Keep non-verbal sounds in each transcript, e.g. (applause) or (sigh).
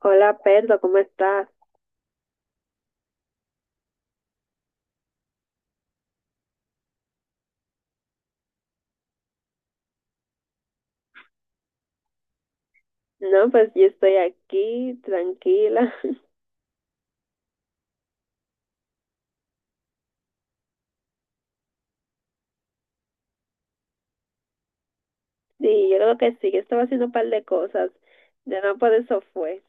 Hola Pedro, ¿cómo estás? No, pues yo estoy aquí, tranquila. (laughs) Sí, yo creo que sí, yo estaba haciendo un par de cosas. Ya no por eso fue.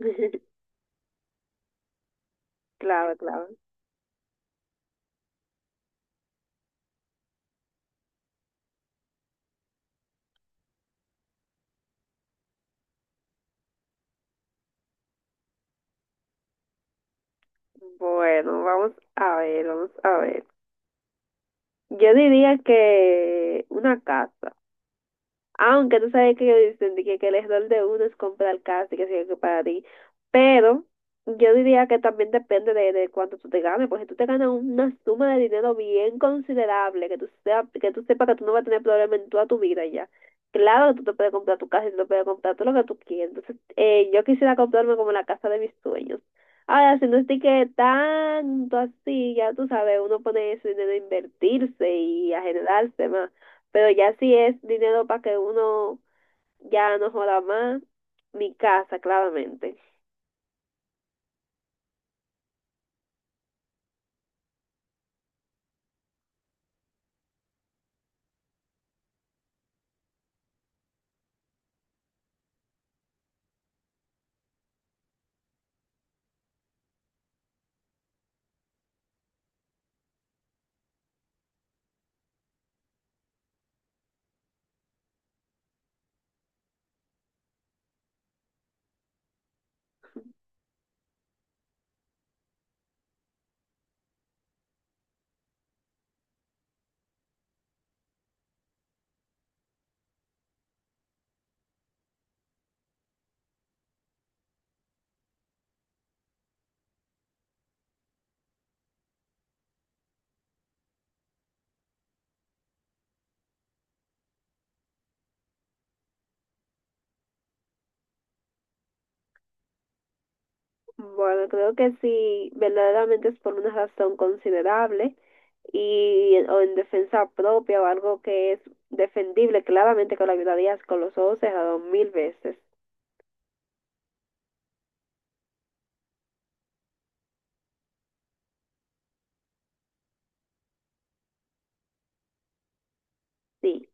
(laughs) Claro, claro. Bueno, vamos a ver, vamos a ver. Yo diría que una casa. Aunque tú sabes que yo dicen de que, el error de uno es comprar casa y que sea que para ti. Pero yo diría que también depende de cuánto tú te ganes. Porque si tú te ganas una suma de dinero bien considerable, que tú, sea, que tú sepas que tú no vas a tener problema en toda tu vida ya. Claro que tú te puedes comprar tu casa y tú te puedes comprar todo lo que tú quieras. Entonces, yo quisiera comprarme como la casa de mis sueños. Ahora, si no estoy que tanto así, ya tú sabes, uno pone ese dinero a invertirse y a generarse más. Pero ya si es dinero para que uno ya no joda más, mi casa, claramente. Bueno, creo que si verdaderamente es por una razón considerable y o en defensa propia o algo que es defendible, claramente que lo ayudarías con los ojos cerrados mil veces. Sí,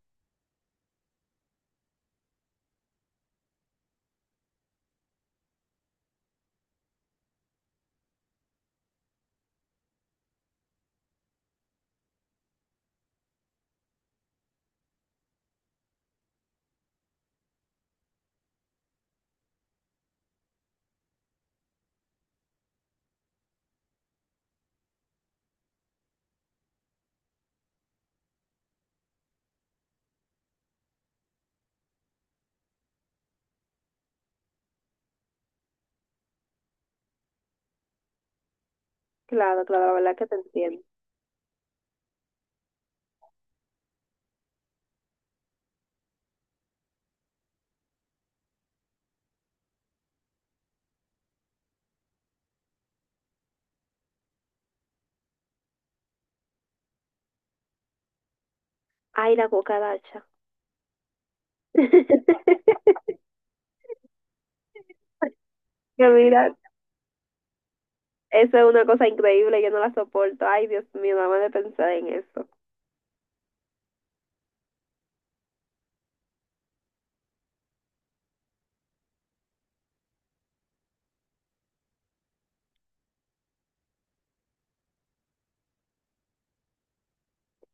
claro, claro, la verdad que te entiendo. Ay, la cucaracha. (laughs) Que mira, eso es una cosa increíble, yo no la soporto. Ay, Dios mío, nada más de pensar en eso.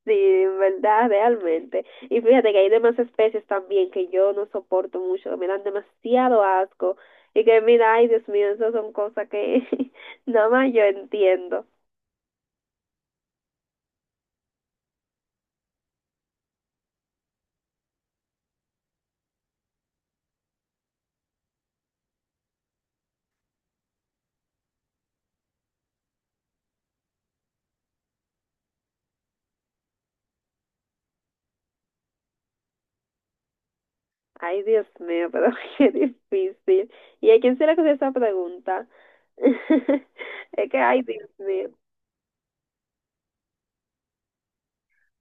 Sí, en verdad, realmente. Y fíjate que hay demás especies también que yo no soporto mucho, que me dan demasiado asco. Y que mira, ay Dios mío, esas son cosas que (laughs) nada más yo entiendo. Ay Dios mío, pero (laughs) qué difícil. ¿Y a quién se le ocurrió esa pregunta? (laughs) Es que, ay Dios mío.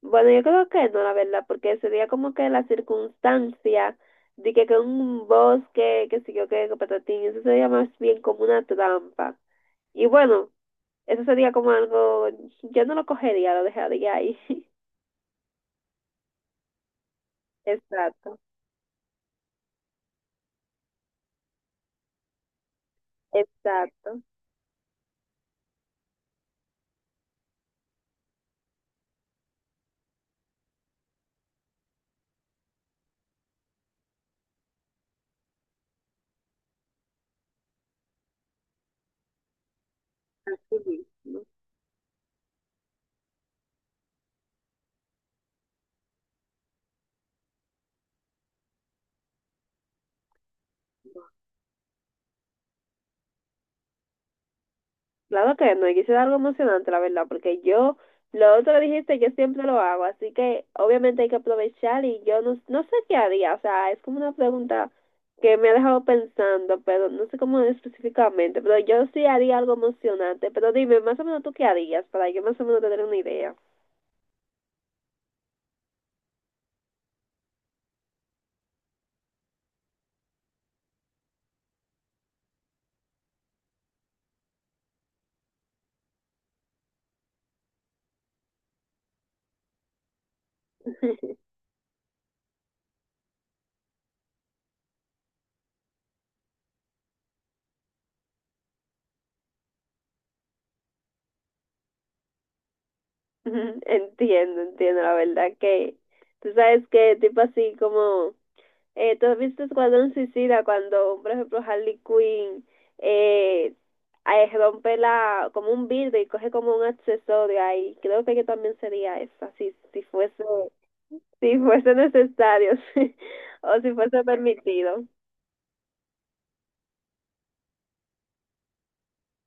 Bueno, yo creo que no, la verdad, porque sería como que la circunstancia de que un bosque, que sé yo qué, que patatín, eso sería más bien como una trampa. Y bueno, eso sería como algo, yo no lo cogería, lo dejaría ahí. (laughs) Exacto, exacto. Sí mismo. Claro que no, y quise dar algo emocionante, la verdad, porque yo, lo otro que dijiste, yo siempre lo hago, así que obviamente hay que aprovechar y yo no, no sé qué haría, o sea, es como una pregunta que me ha dejado pensando, pero no sé cómo específicamente, pero yo sí haría algo emocionante, pero dime, más o menos tú qué harías, para yo más o menos tener una idea. (laughs) Entiendo, entiendo, la verdad que tú sabes que tipo así como tú has visto Escuadrón Suicida cuando, por ejemplo, Harley Quinn eh, rompe la como un vidrio y coge como un accesorio ahí. Creo que yo también sería esa, si, si fuese, si fuese necesario, (laughs) o si fuese permitido.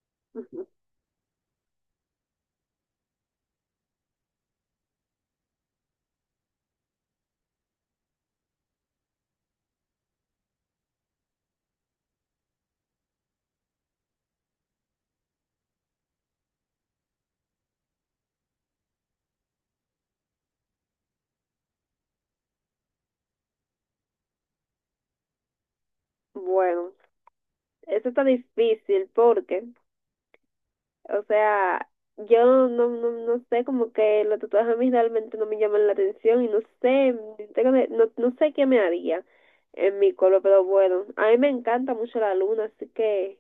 (laughs) Ujú. Bueno, eso está difícil porque o sea, yo no, no, no sé, como que los tatuajes a mí realmente no me llaman la atención y no sé, tengo de- no, no sé qué me haría en mi color, pero bueno, a mí me encanta mucho la luna, así que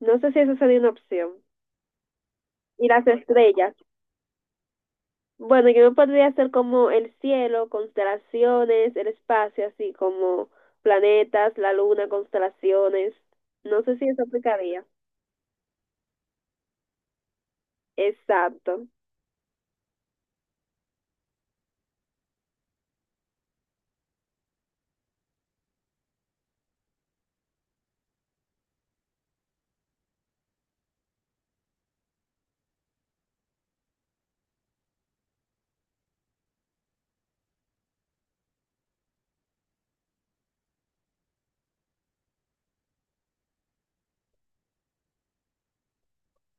no sé si eso sería una opción. Y las estrellas. Bueno, yo me podría hacer como el cielo, constelaciones, el espacio, así como planetas, la luna, constelaciones. No sé si eso aplicaría. Exacto.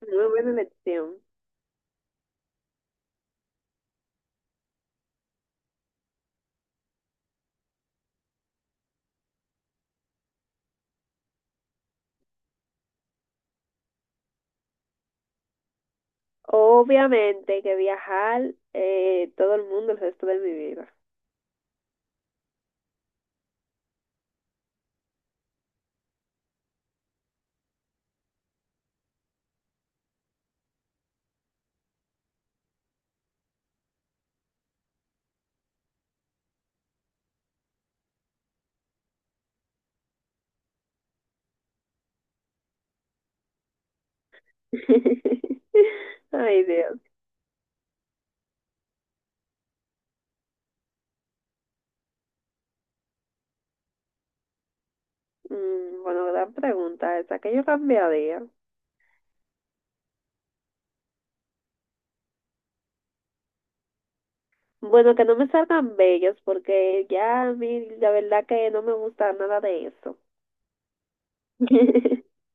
Muy buena elección. Obviamente que viajar todo el mundo el resto de mi vida. (laughs) Ay, Dios. Mm, bueno, gran pregunta esa, ¿que yo cambiaría? Bueno, que no me salgan bellos porque ya a mí la verdad que no me gusta nada de eso. (laughs)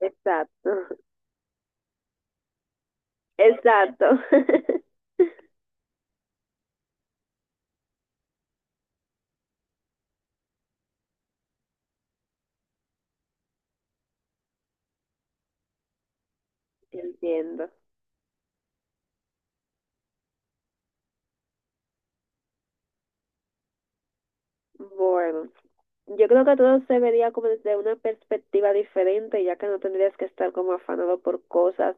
Exacto, exacto. (laughs) Entiendo. Bueno, yo creo que todo se vería como desde una perspectiva diferente, ya que no tendrías que estar como afanado por cosas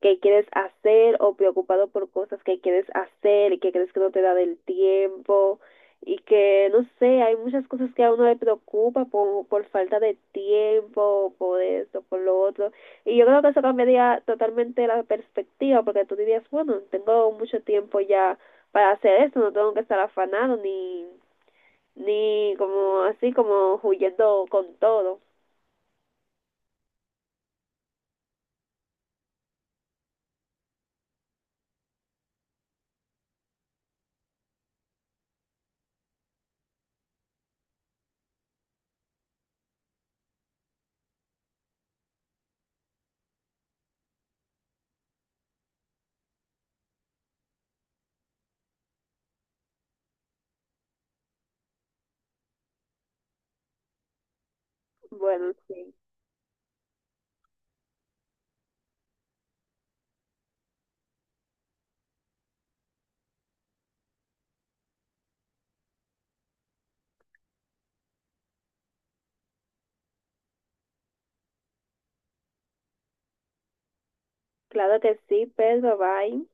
que quieres hacer o preocupado por cosas que quieres hacer y que crees que no te da del tiempo y que, no sé, hay muchas cosas que a uno le preocupa por falta de tiempo, por esto, por lo otro. Y yo creo que eso cambiaría totalmente la perspectiva, porque tú dirías, bueno, tengo mucho tiempo ya para hacer esto, no tengo que estar afanado ni como así como huyendo con todo. Bueno, sí. Claro que sí, Pedro, bye.